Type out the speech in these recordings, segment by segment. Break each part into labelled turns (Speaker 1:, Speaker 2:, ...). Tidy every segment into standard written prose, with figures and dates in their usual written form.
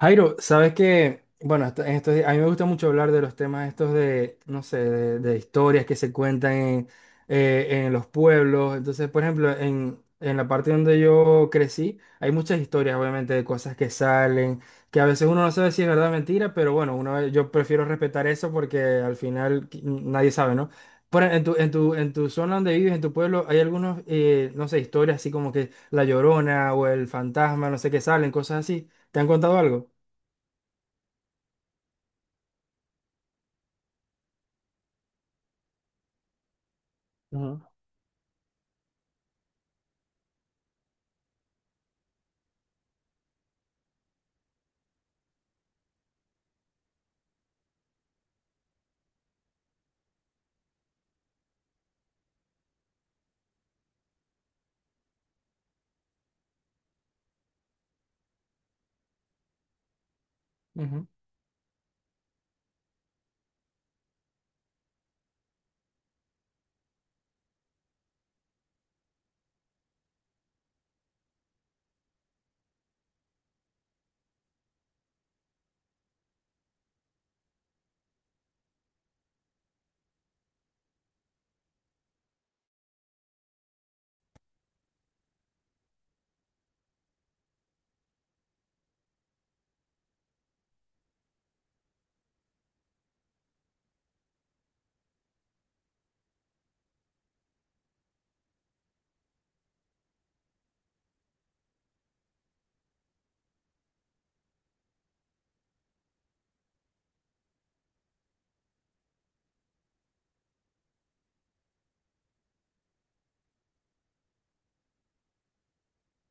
Speaker 1: Jairo, sabes que, bueno, en estos días, a mí me gusta mucho hablar de los temas estos de, no sé, de historias que se cuentan en los pueblos. Entonces, por ejemplo, en la parte donde yo crecí, hay muchas historias, obviamente, de cosas que salen, que a veces uno no sabe si es verdad o mentira, pero bueno, yo prefiero respetar eso porque al final nadie sabe, ¿no? Por, e, en tu, en tu, en tu zona donde vives, en tu pueblo, hay algunos, no sé, historias así como que La Llorona o el fantasma, no sé qué salen, cosas así. ¿Te han contado algo? Ujú. Ujú.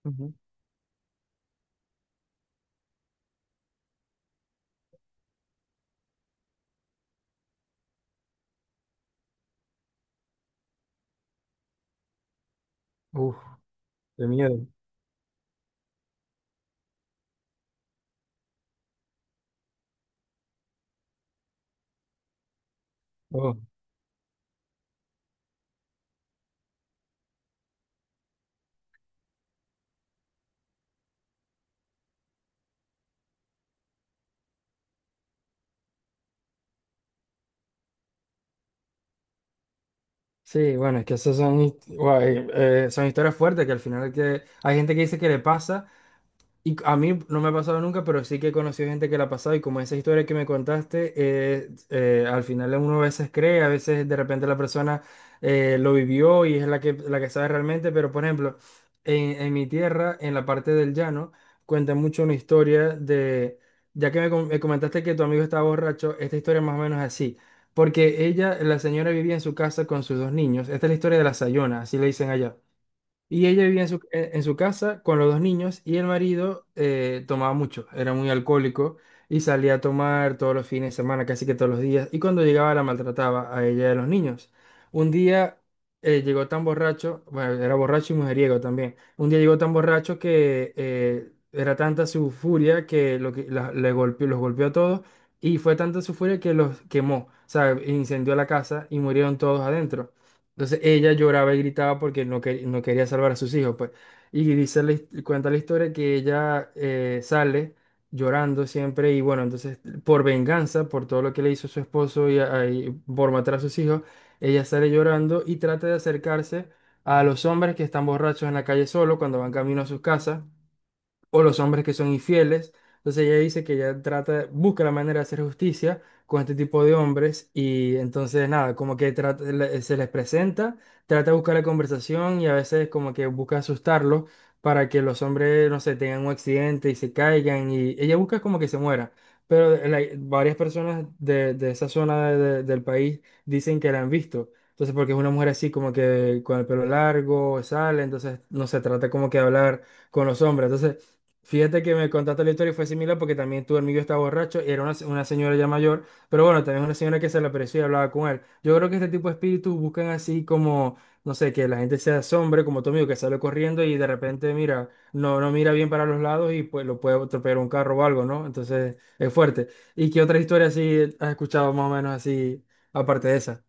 Speaker 1: Ujú. Uf, qué miedo. Oh. Sí, bueno, es que esas son, guay, son historias fuertes que al final que hay gente que dice que le pasa. Y a mí no me ha pasado nunca, pero sí que he conocido gente que la ha pasado y como esa historia que me contaste, al final uno a veces cree, a veces de repente la persona lo vivió y es la que sabe realmente, pero por ejemplo, en mi tierra, en la parte del llano, cuenta mucho una historia de, ya que me comentaste que tu amigo estaba borracho, esta historia más o menos así, porque ella, la señora vivía en su casa con sus dos niños, esta es la historia de la Sayona, así le dicen allá. Y ella vivía en su, en su casa con los dos niños y el marido tomaba mucho, era muy alcohólico y salía a tomar todos los fines de semana, casi que todos los días. Y cuando llegaba la maltrataba a ella y a los niños. Un día llegó tan borracho, bueno, era borracho y mujeriego también. Un día llegó tan borracho que era tanta su furia que, lo que le golpeó, los golpeó a todos y fue tanta su furia que los quemó, o sea, incendió la casa y murieron todos adentro. Entonces ella lloraba y gritaba porque no quería salvar a sus hijos, pues. Y dice cuenta la historia que ella sale llorando siempre y bueno, entonces por venganza, por todo lo que le hizo su esposo y por matar a sus hijos, ella sale llorando y trata de acercarse a los hombres que están borrachos en la calle solo cuando van camino a sus casas o los hombres que son infieles. Entonces ella dice que ella trata, busca la manera de hacer justicia con este tipo de hombres y entonces nada, como que se les presenta, trata de buscar la conversación y a veces como que busca asustarlos para que los hombres, no sé, tengan un accidente y se caigan y ella busca como que se muera. Pero varias personas de, esa zona del país dicen que la han visto. Entonces, porque es una mujer así como que con el pelo largo, sale, entonces no se trata como que de hablar con los hombres. Entonces, fíjate que me contaste la historia y fue similar porque también tu amigo estaba borracho y era una señora ya mayor, pero bueno, también una señora que se le apareció y hablaba con él. Yo creo que este tipo de espíritus buscan así como, no sé, que la gente se asombre, como tu amigo que sale corriendo y de repente mira, no mira bien para los lados y pues lo puede atropellar un carro o algo, ¿no? Entonces es fuerte. ¿Y qué otra historia así has escuchado más o menos así, aparte de esa?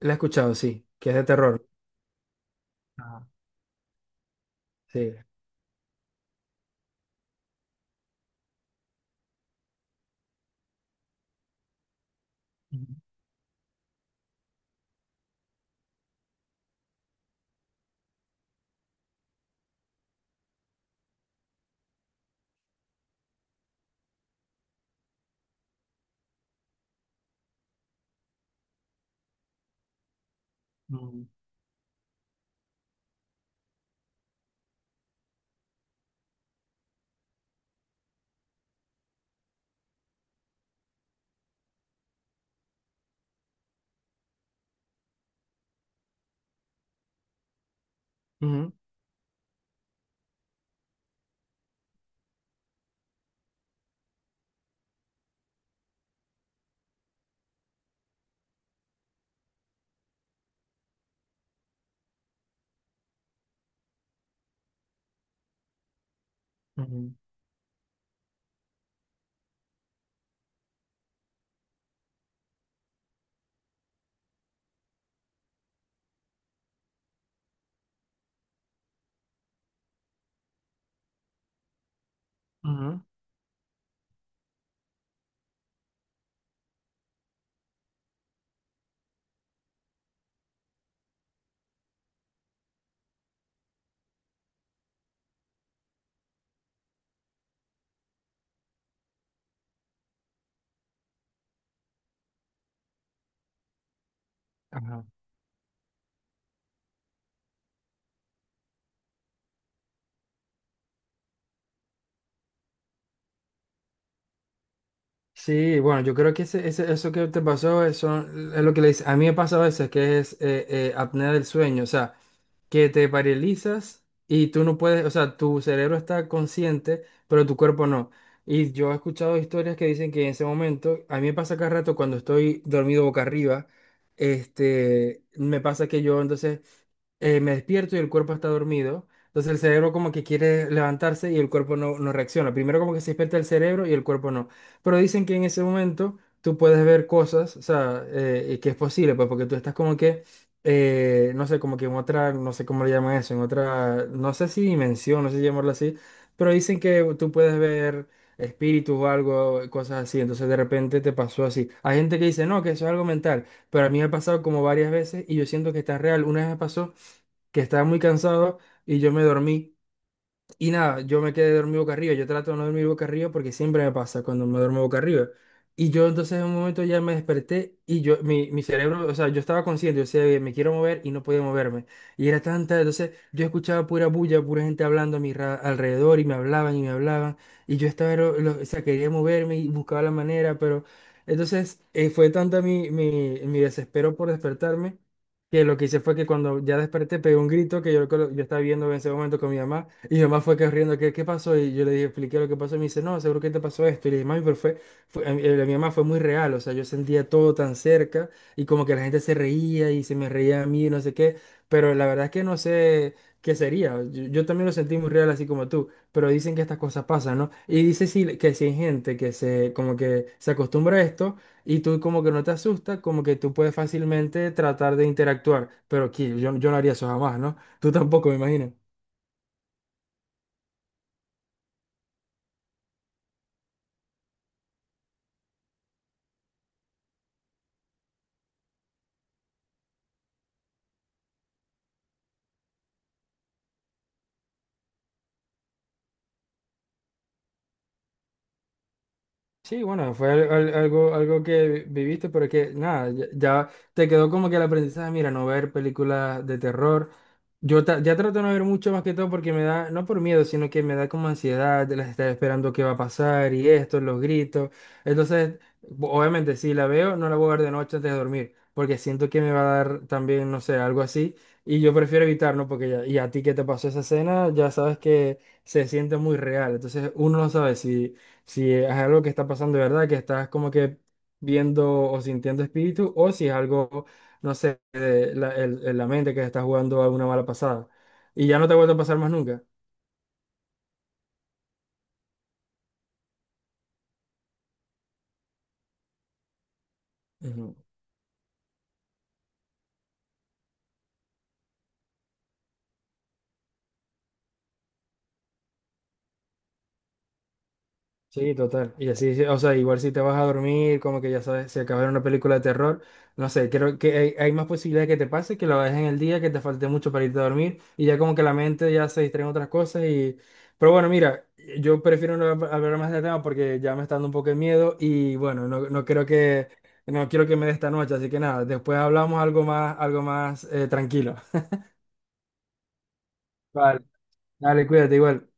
Speaker 1: La he escuchado, sí, que es de terror. Ah, sí. Ujú. Ujú. Ujú. Ujú. Ajá. Sí, bueno, yo creo que ese, eso que te pasó eso, es lo que le dice. A mí me pasa a veces que es apnea del sueño, o sea, que te paralizas y tú no puedes, o sea, tu cerebro está consciente, pero tu cuerpo no. Y yo he escuchado historias que dicen que en ese momento, a mí me pasa cada rato cuando estoy dormido boca arriba, me pasa que yo entonces me despierto y el cuerpo está dormido. Entonces el cerebro como que quiere levantarse y el cuerpo no reacciona. Primero como que se despierta el cerebro y el cuerpo no. Pero dicen que en ese momento tú puedes ver cosas, o sea, y que es posible, pues porque tú estás como que, no sé, como que en otra, no sé cómo le llaman eso, en otra, no sé si dimensión, no sé si llamarlo así, pero dicen que tú puedes ver espíritus o algo, cosas así. Entonces de repente te pasó así. Hay gente que dice, no, que eso es algo mental, pero a mí me ha pasado como varias veces y yo siento que está real. Una vez me pasó que estaba muy cansado y yo me dormí. Y nada, yo me quedé dormido boca arriba. Yo trato de no dormir boca arriba porque siempre me pasa cuando me duermo boca arriba. Y yo entonces en un momento ya me desperté y mi cerebro, o sea, yo estaba consciente, yo decía, me quiero mover y no podía moverme. Y era tanta, entonces yo escuchaba pura bulla, pura gente hablando a mi alrededor y me hablaban y me hablaban. Y yo estaba, o sea, quería moverme y buscaba la manera, pero entonces fue tanta mi desespero por despertarme que lo que hice fue que cuando ya desperté pegué un grito que yo estaba viendo en ese momento con mi mamá y mi mamá fue corriendo, ¿qué, qué pasó? Y yo le dije, expliqué lo que pasó y me dice, no, seguro que te pasó esto. Y le dije, mami, pero mi mamá fue muy real, o sea, yo sentía todo tan cerca y como que la gente se reía y se me reía a mí, no sé qué, pero la verdad es que no sé qué sería. Yo también lo sentí muy real así como tú, pero dicen que estas cosas pasan, ¿no? Y dice sí, que si hay gente que se, como que se acostumbra a esto. Y tú como que no te asusta, como que tú puedes fácilmente tratar de interactuar, pero aquí yo no haría eso jamás, ¿no? Tú tampoco, me imagino. Sí, bueno, fue algo que viviste, pero que nada, ya te quedó como que el aprendizaje, mira, no ver películas de terror. Yo ya trato de no ver mucho más que todo porque me da, no por miedo, sino que me da como ansiedad de las estar esperando qué va a pasar y esto, los gritos. Entonces, obviamente, si la veo, no la voy a ver de noche antes de dormir, porque siento que me va a dar también, no sé, algo así. Y yo prefiero evitar, ¿no? Porque ya, y a ti que te pasó esa escena, ya sabes que se siente muy real. Entonces, uno no sabe si es algo que está pasando de verdad, que estás como que viendo o sintiendo espíritu, o si es algo no sé, la mente que está jugando a una mala pasada. Y ya no te vuelve a pasar más nunca. Ujú. Sí, total. Y así, sí, o sea, igual si te vas a dormir, como que ya sabes, si acabas de ver una película de terror, no sé, creo que hay más posibilidades que te pase que lo dejes en el día, que te falte mucho para irte a dormir y ya como que la mente ya se distrae en otras cosas y... Pero bueno, mira, yo prefiero no hablar más del tema porque ya me está dando un poco de miedo y bueno, no creo que, no quiero que me dé esta noche, así que nada, después hablamos algo más tranquilo. Vale. Dale, cuídate igual.